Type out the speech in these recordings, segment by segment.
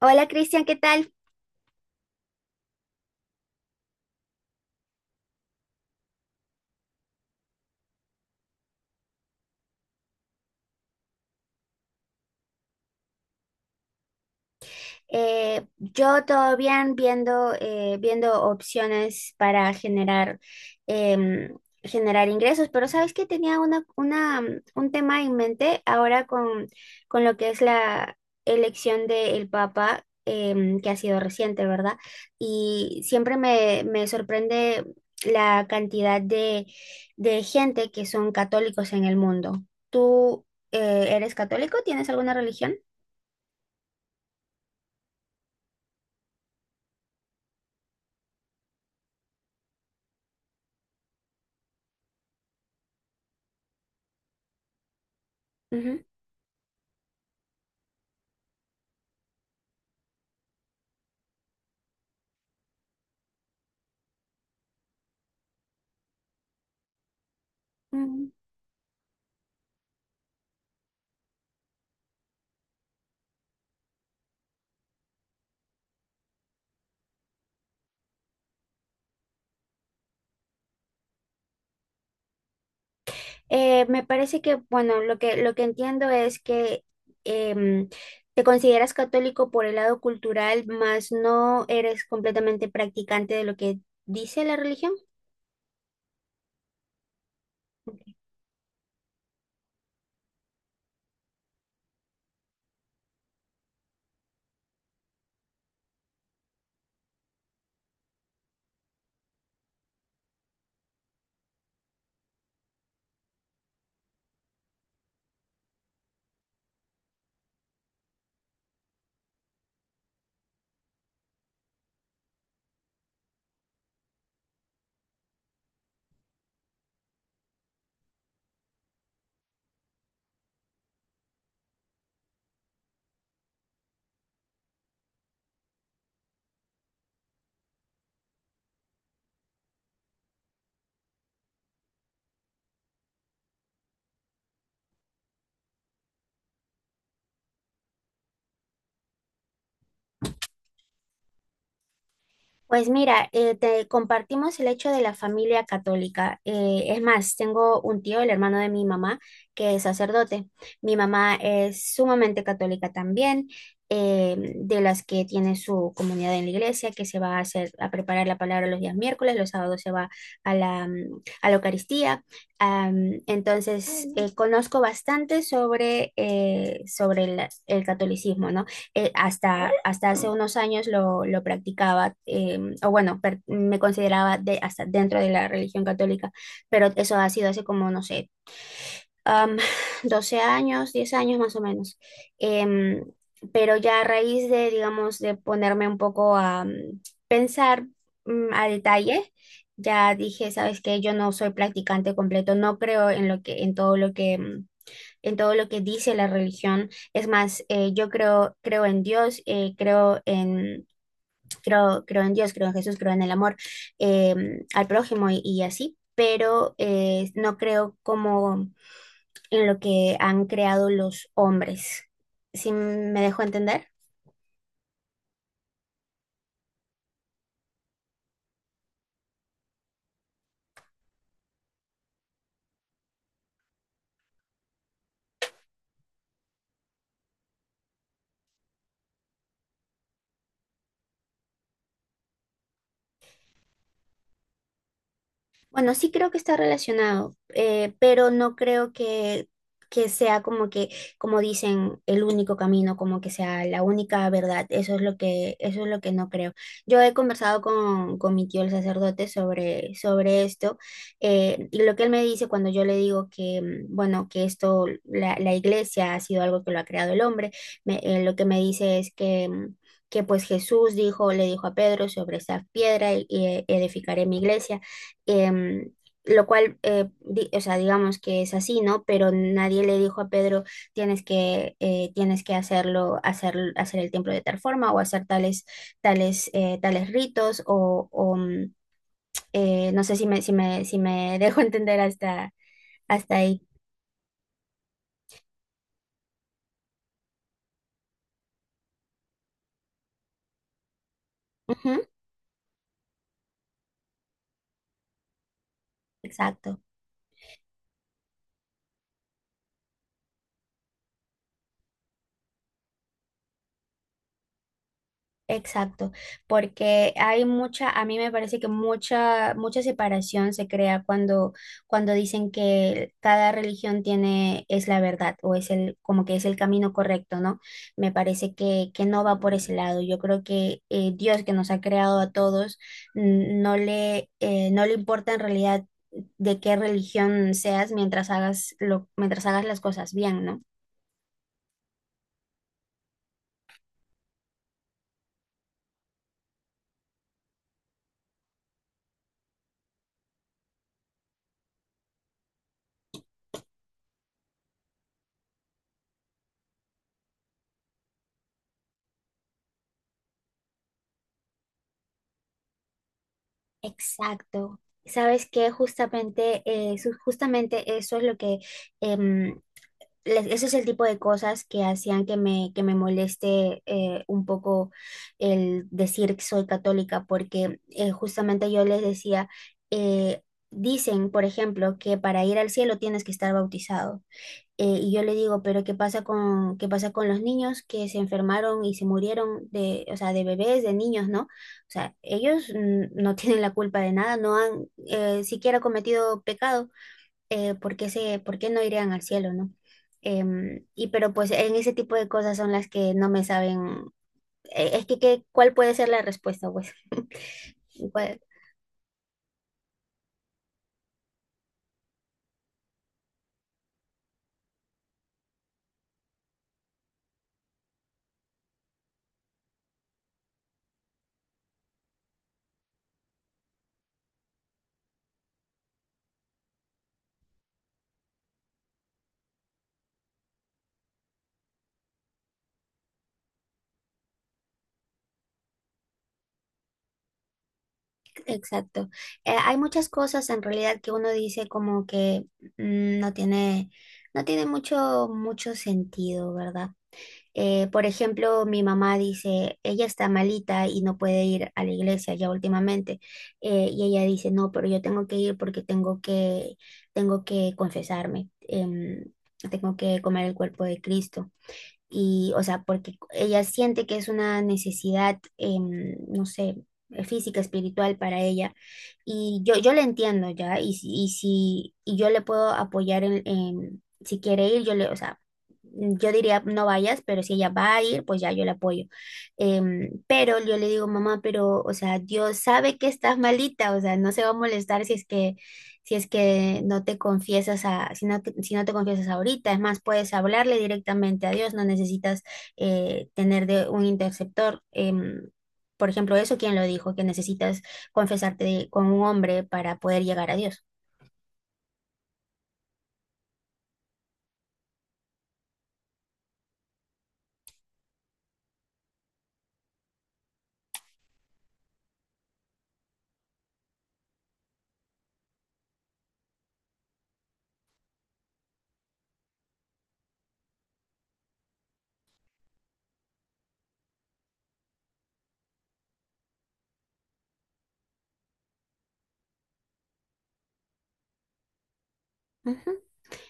Hola Cristian, ¿qué tal? Yo todo bien viendo, viendo opciones para generar, em, generar ingresos, pero sabes que tenía un tema en mente ahora con lo que es la elección del Papa, que ha sido reciente, ¿verdad? Y siempre me sorprende la cantidad de gente que son católicos en el mundo. ¿Tú, eres católico? ¿Tienes alguna religión? Ujú. Mm. Me parece que, bueno, lo que entiendo es que em, te consideras católico por el lado cultural, mas no eres completamente practicante de lo que dice la religión. Pues mira, te compartimos el hecho de la familia católica. Es más, tengo un tío, el hermano de mi mamá, que es sacerdote. Mi mamá es sumamente católica también, de las que tiene su comunidad en la iglesia, que se va a hacer a preparar la palabra los días miércoles, los sábados se va a a la Eucaristía. Entonces, conozco bastante sobre, sobre el catolicismo, ¿no? Hasta hace unos años lo practicaba, o bueno, me consideraba de, hasta dentro de la religión católica, pero eso ha sido hace como, no sé, am, 12 años, 10 años más o menos. Em, pero ya a raíz de, digamos, de ponerme un poco a pensar a detalle, ya dije, sabes que yo no soy practicante completo, no creo en lo que, en todo lo que... en todo lo que dice la religión. Es más, yo creo, creo en Dios, creo en Dios, creo en Jesús, creo en el amor al prójimo y así, pero no creo como en lo que han creado los hombres. ¿Sí me dejo entender? Bueno, sí creo que está relacionado, pero no creo que sea como que, como dicen, el único camino, como que sea la única verdad. Eso es eso es lo que no creo. Yo he conversado con mi tío el sacerdote sobre esto, y lo que él me dice cuando yo le digo que, mm, bueno, que esto, la iglesia ha sido algo que lo ha creado el hombre, lo que me dice es que... que pues Jesús dijo, le dijo a Pedro sobre esa piedra y edificaré mi iglesia, em, lo cual, o sea, digamos que es así, ¿no? Pero nadie le dijo a Pedro, tienes que hacerlo, hacer el templo de tal forma o hacer tales, tales ritos no sé si me dejo entender hasta, hasta ahí. Ujú, exacto. Exacto, porque hay a mí me parece que mucha, mucha separación se crea cuando, cuando dicen que cada religión tiene, es la verdad o es el, como que es el camino correcto, ¿no? Me parece que no va por ese lado. Yo creo que Dios que nos ha creado a todos no le, no le importa en realidad de qué religión seas mientras hagas lo, mientras hagas las cosas bien, ¿no? Exacto. Sabes que justamente, justamente eso es lo que, em, eso es el tipo de cosas que hacían que me moleste un poco el decir que soy católica, porque justamente yo les decía, eh, dicen, por ejemplo, que para ir al cielo tienes que estar bautizado. Y yo le digo, pero qué pasa con los niños que se enfermaron y se murieron de, o sea, de bebés, de niños, ¿no? O sea, ellos no tienen la culpa de nada, no han siquiera cometido pecado, ¿por qué se, por qué no irían al cielo, ¿no? Pero pues en ese tipo de cosas son las que no me saben, es que, ¿cuál puede ser la respuesta, pues? ¿Cuál-? Exacto. Hay muchas cosas en realidad que uno dice como que mm, no tiene, no tiene mucho, mucho sentido, ¿verdad? Por ejemplo, mi mamá dice, ella está malita y no puede ir a la iglesia ya últimamente. Y ella dice, no, pero yo tengo que ir porque tengo que confesarme, tengo que comer el cuerpo de Cristo y, o sea, porque ella siente que es una necesidad, em, no sé, física, espiritual para ella. Y yo la entiendo ya, y, si- y si y yo le puedo apoyar en, si quiere ir, yo le, o sea, yo diría no vayas, pero si ella va a ir, pues ya yo la apoyo. Pero yo le digo, mamá, pero, o sea, Dios sabe que estás malita, o sea, no se va a molestar si es que no te confiesas a, si no, si no te confiesas ahorita. Es más, puedes hablarle directamente a Dios, no necesitas tener de un interceptor. Por ejemplo, eso, ¿quién lo dijo? Que necesitas confesarte con un hombre para poder llegar a Dios. Ujú,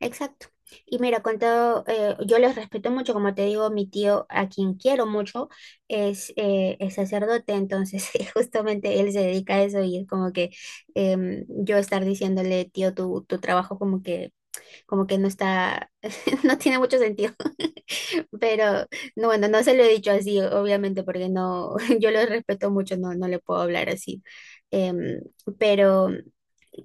exacto. Y mira, con todo, yo les respeto mucho, como te digo, mi tío, a quien quiero mucho, es sacerdote, entonces justamente él se dedica a eso y es como que yo estar diciéndole, tío, tu trabajo como que no está, no tiene mucho sentido, pero no, bueno, no se lo he dicho así, obviamente, porque no, yo lo respeto mucho, no le puedo hablar así. Em, pero,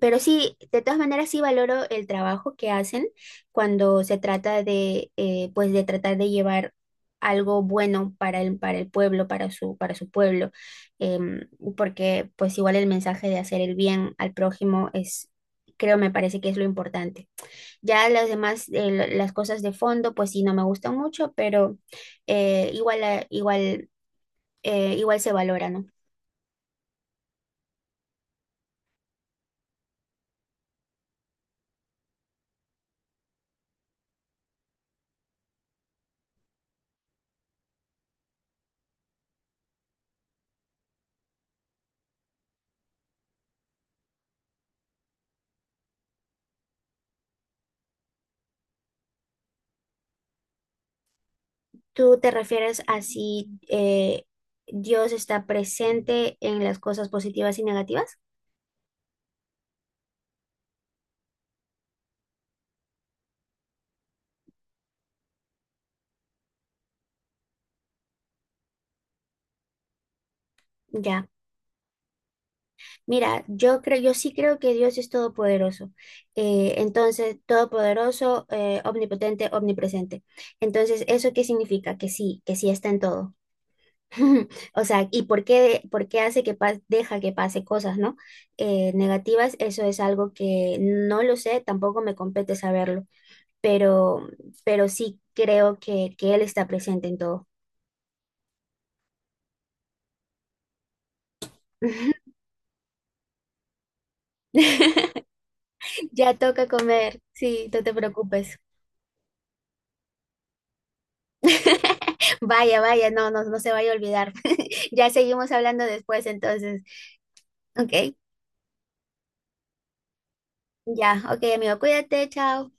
pero sí, de todas maneras sí valoro el trabajo que hacen cuando se trata de, pues de tratar de llevar algo bueno para el pueblo, para su pueblo. Em, Porque pues igual el mensaje de hacer el bien al prójimo es, creo, me parece que es lo importante. Ya las demás, las cosas de fondo, pues sí, no me gustan mucho, pero eh, igual, eh, igual, igual se valora, ¿no? ¿Tú te refieres a si Dios está presente en las cosas positivas y negativas? Ya. Mira, yo creo, yo sí creo que Dios es todopoderoso. Entonces, todopoderoso, omnipotente, omnipresente. Entonces, ¿eso qué significa? Que sí está en todo. O sea, ¿y por qué hace que deja que pase cosas, ¿no? Negativas, eso es algo que no lo sé, tampoco me compete saberlo, pero, pero sí creo que él está presente en todo. Ya toca comer, sí, no te preocupes. Vaya, vaya, no, no, no se vaya a olvidar. Ya seguimos hablando después, entonces. Ok, ya, ok, amigo, cuídate, chao.